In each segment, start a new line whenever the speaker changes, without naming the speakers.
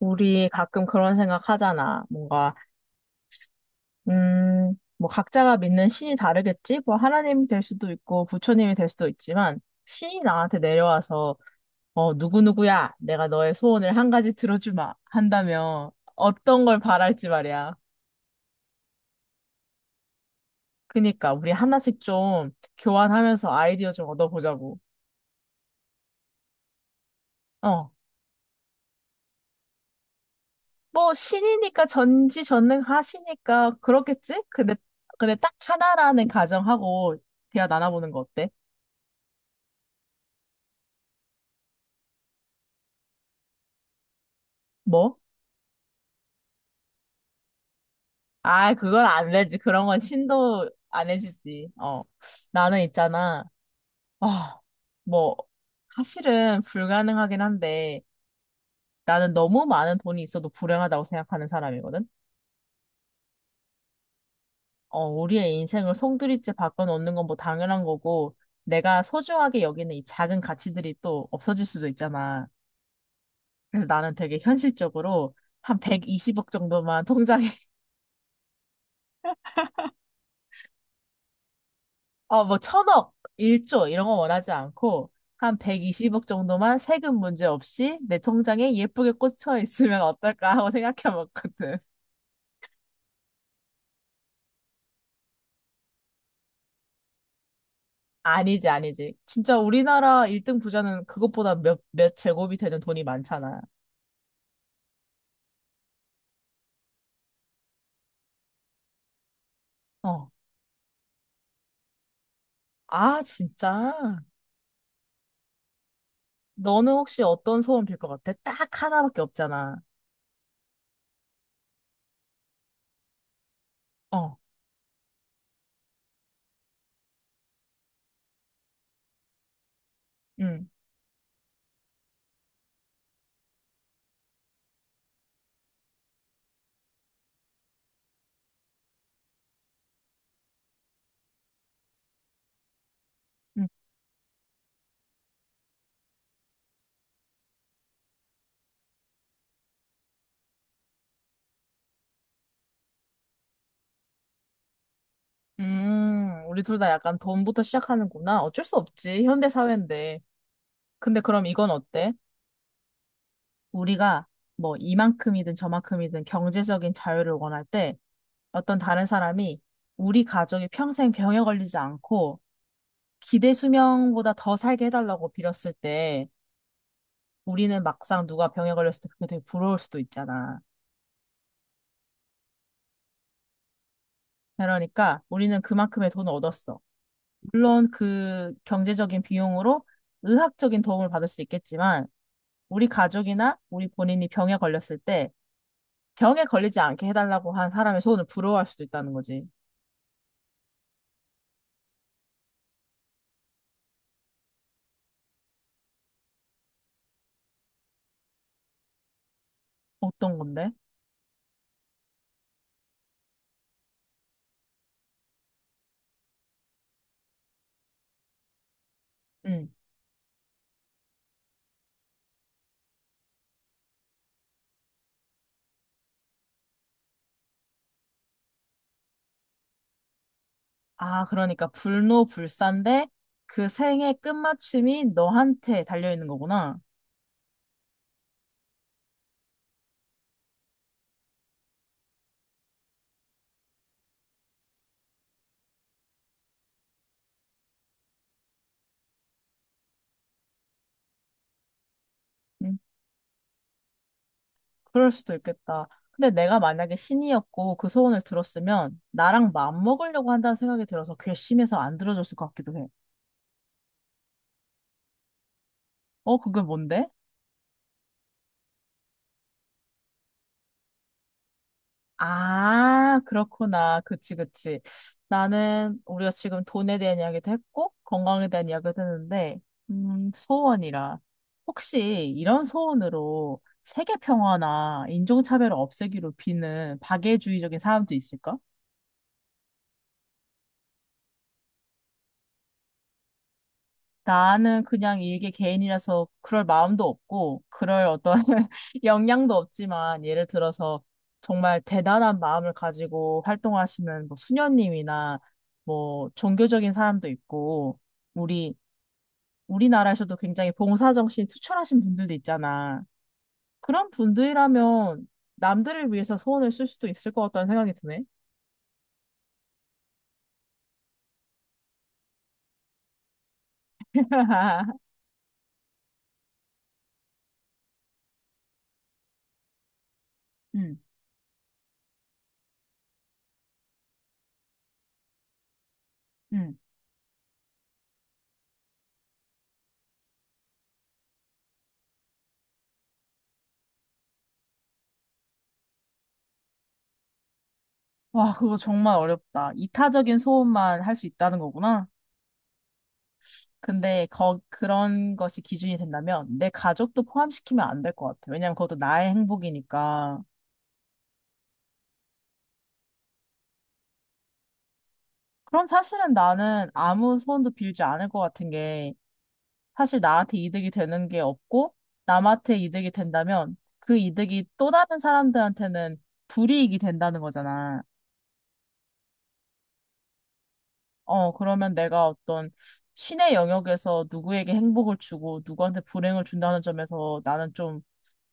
우리 가끔 그런 생각 하잖아. 뭔가, 뭐 각자가 믿는 신이 다르겠지? 뭐 하나님이 될 수도 있고 부처님이 될 수도 있지만 신이 나한테 내려와서 누구누구야. 내가 너의 소원을 한 가지 들어주마. 한다면 어떤 걸 바랄지 말이야. 그니까 우리 하나씩 좀 교환하면서 아이디어 좀 얻어보자고. 어. 뭐 신이니까 전지전능하시니까 그렇겠지? 근데 딱 하나라는 가정하고 대화 나눠보는 거 어때? 뭐? 아, 그건 안 되지. 그런 건 신도 안 해주지. 어. 나는 있잖아. 아, 뭐, 사실은 불가능하긴 한데, 나는 너무 많은 돈이 있어도 불행하다고 생각하는 사람이거든? 우리의 인생을 송두리째 바꿔놓는 건 뭐 당연한 거고, 내가 소중하게 여기는 이 작은 가치들이 또 없어질 수도 있잖아. 그래서 나는 되게 현실적으로 한 120억 정도만 통장에 뭐 천억, 일조 이런 거 원하지 않고 한 120억 정도만 세금 문제 없이 내 통장에 예쁘게 꽂혀 있으면 어떨까 하고 생각해 봤거든. 아니지, 아니지. 진짜 우리나라 1등 부자는 그것보다 몇 제곱이 되는 돈이 많잖아. 어. 아, 진짜? 너는 혹시 어떤 소원 빌 것 같아? 딱 하나밖에 없잖아. 어. 응. 응. 우리 둘 다 약간 돈부터 시작하는구나. 어쩔 수 없지. 현대 사회인데. 근데 그럼 이건 어때? 우리가 뭐 이만큼이든 저만큼이든 경제적인 자유를 원할 때 어떤 다른 사람이 우리 가족이 평생 병에 걸리지 않고 기대 수명보다 더 살게 해달라고 빌었을 때 우리는 막상 누가 병에 걸렸을 때 그게 되게 부러울 수도 있잖아. 그러니까 우리는 그만큼의 돈을 얻었어. 물론 그 경제적인 비용으로 의학적인 도움을 받을 수 있겠지만 우리 가족이나 우리 본인이 병에 걸렸을 때 병에 걸리지 않게 해달라고 한 사람의 소원을 부러워할 수도 있다는 거지. 어떤 건데? 응. 아, 그러니까 불노불사인데 그 생의 끝마침이 너한테 달려있는 거구나. 음, 그럴 수도 있겠다. 근데 내가 만약에 신이었고 그 소원을 들었으면 나랑 맞먹으려고 한다는 생각이 들어서 괘씸해서 안 들어줬을 것 같기도 해. 어, 그게 뭔데? 아, 그렇구나. 그치, 그치. 나는 우리가 지금 돈에 대한 이야기도 했고, 건강에 대한 이야기도 했는데, 소원이라. 혹시 이런 소원으로 세계 평화나 인종차별을 없애기로 비는 박애주의적인 사람도 있을까? 나는 그냥 일개 개인이라서 그럴 마음도 없고, 그럴 어떤 역량도 없지만, 예를 들어서 정말 대단한 마음을 가지고 활동하시는 뭐 수녀님이나 뭐 종교적인 사람도 있고, 우리, 우리나라에서도 굉장히 봉사정신이 투철하신 분들도 있잖아. 그런 분들이라면 남들을 위해서 소원을 쓸 수도 있을 것 같다는 생각이 드네. 음, 음. 와, 그거 정말 어렵다. 이타적인 소원만 할 수 있다는 거구나. 근데 그런 것이 기준이 된다면 내 가족도 포함시키면 안 될 것 같아. 왜냐면 그것도 나의 행복이니까. 그럼 사실은 나는 아무 소원도 빌지 않을 것 같은 게 사실 나한테 이득이 되는 게 없고 남한테 이득이 된다면 그 이득이 또 다른 사람들한테는 불이익이 된다는 거잖아. 그러면 내가 어떤 신의 영역에서 누구에게 행복을 주고 누구한테 불행을 준다는 점에서 나는 좀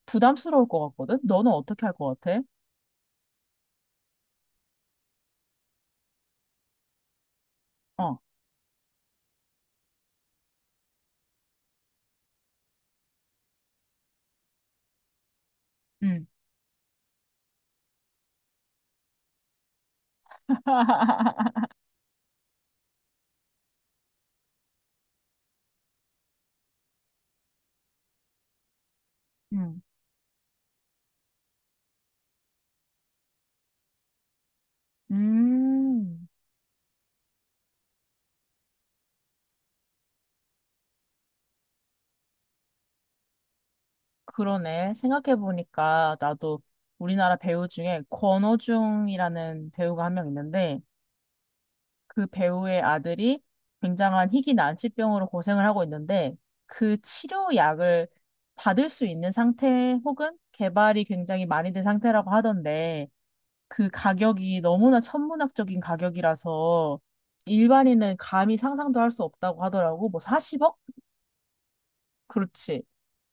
부담스러울 것 같거든? 너는 어떻게 할 것 같아? 어. 음. 음, 음, 그러네. 생각해보니까 나도 우리나라 배우 중에 권오중이라는 배우가 한 명 있는데 그 배우의 아들이 굉장한 희귀 난치병으로 고생을 하고 있는데 그 치료약을 받을 수 있는 상태 혹은 개발이 굉장히 많이 된 상태라고 하던데 그 가격이 너무나 천문학적인 가격이라서 일반인은 감히 상상도 할 수 없다고 하더라고. 뭐 40억? 그렇지.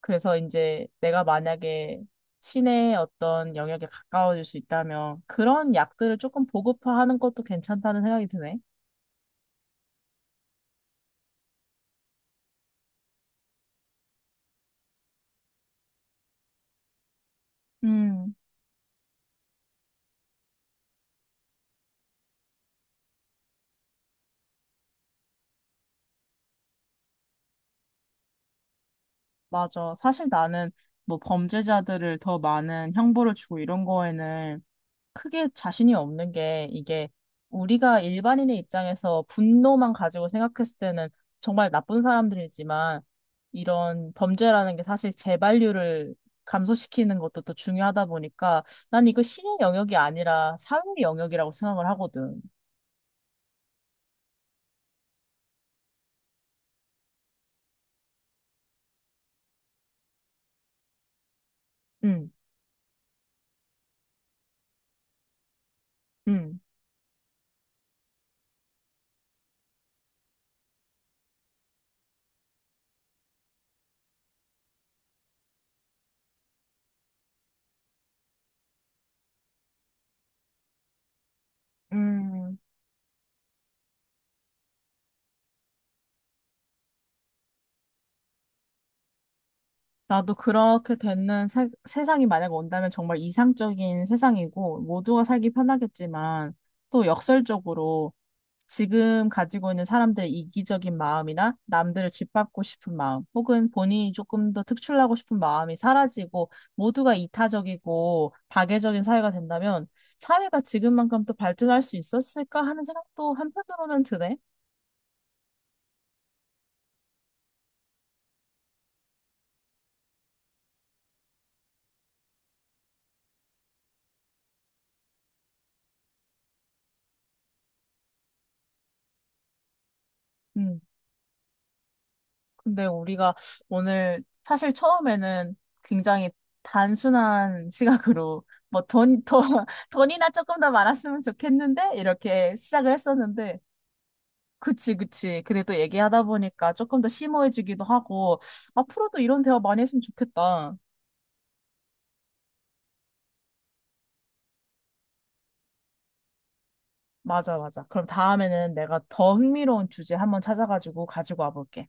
그래서 이제 내가 만약에 시내 어떤 영역에 가까워질 수 있다면 그런 약들을 조금 보급화하는 것도 괜찮다는 생각이 드네. 음, 맞아. 사실 나는 뭐 범죄자들을 더 많은 형벌을 주고 이런 거에는 크게 자신이 없는 게 이게 우리가 일반인의 입장에서 분노만 가지고 생각했을 때는 정말 나쁜 사람들이지만 이런 범죄라는 게 사실 재발률을 감소시키는 것도 또 중요하다 보니까 난 이거 신의 영역이 아니라 사회 영역이라고 생각을 하거든. 응, 응, 음. 나도 그렇게 되는 세상이 만약 온다면 정말 이상적인 세상이고 모두가 살기 편하겠지만 또 역설적으로 지금 가지고 있는 사람들의 이기적인 마음이나 남들을 짓밟고 싶은 마음, 혹은 본인이 조금 더 특출나고 싶은 마음이 사라지고 모두가 이타적이고 파괴적인 사회가 된다면 사회가 지금만큼 또 발전할 수 있었을까 하는 생각도 한편으로는 드네. 음, 근데 우리가 오늘 사실 처음에는 굉장히 단순한 시각으로 뭐 돈, 돈, 돈이나 조금 더 많았으면 좋겠는데 이렇게 시작을 했었는데 그치, 그치. 근데 또 얘기하다 보니까 조금 더 심오해지기도 하고, 앞으로도 이런 대화 많이 했으면 좋겠다. 맞아, 맞아. 그럼 다음에는 내가 더 흥미로운 주제 한번 찾아가지고 가지고 와볼게.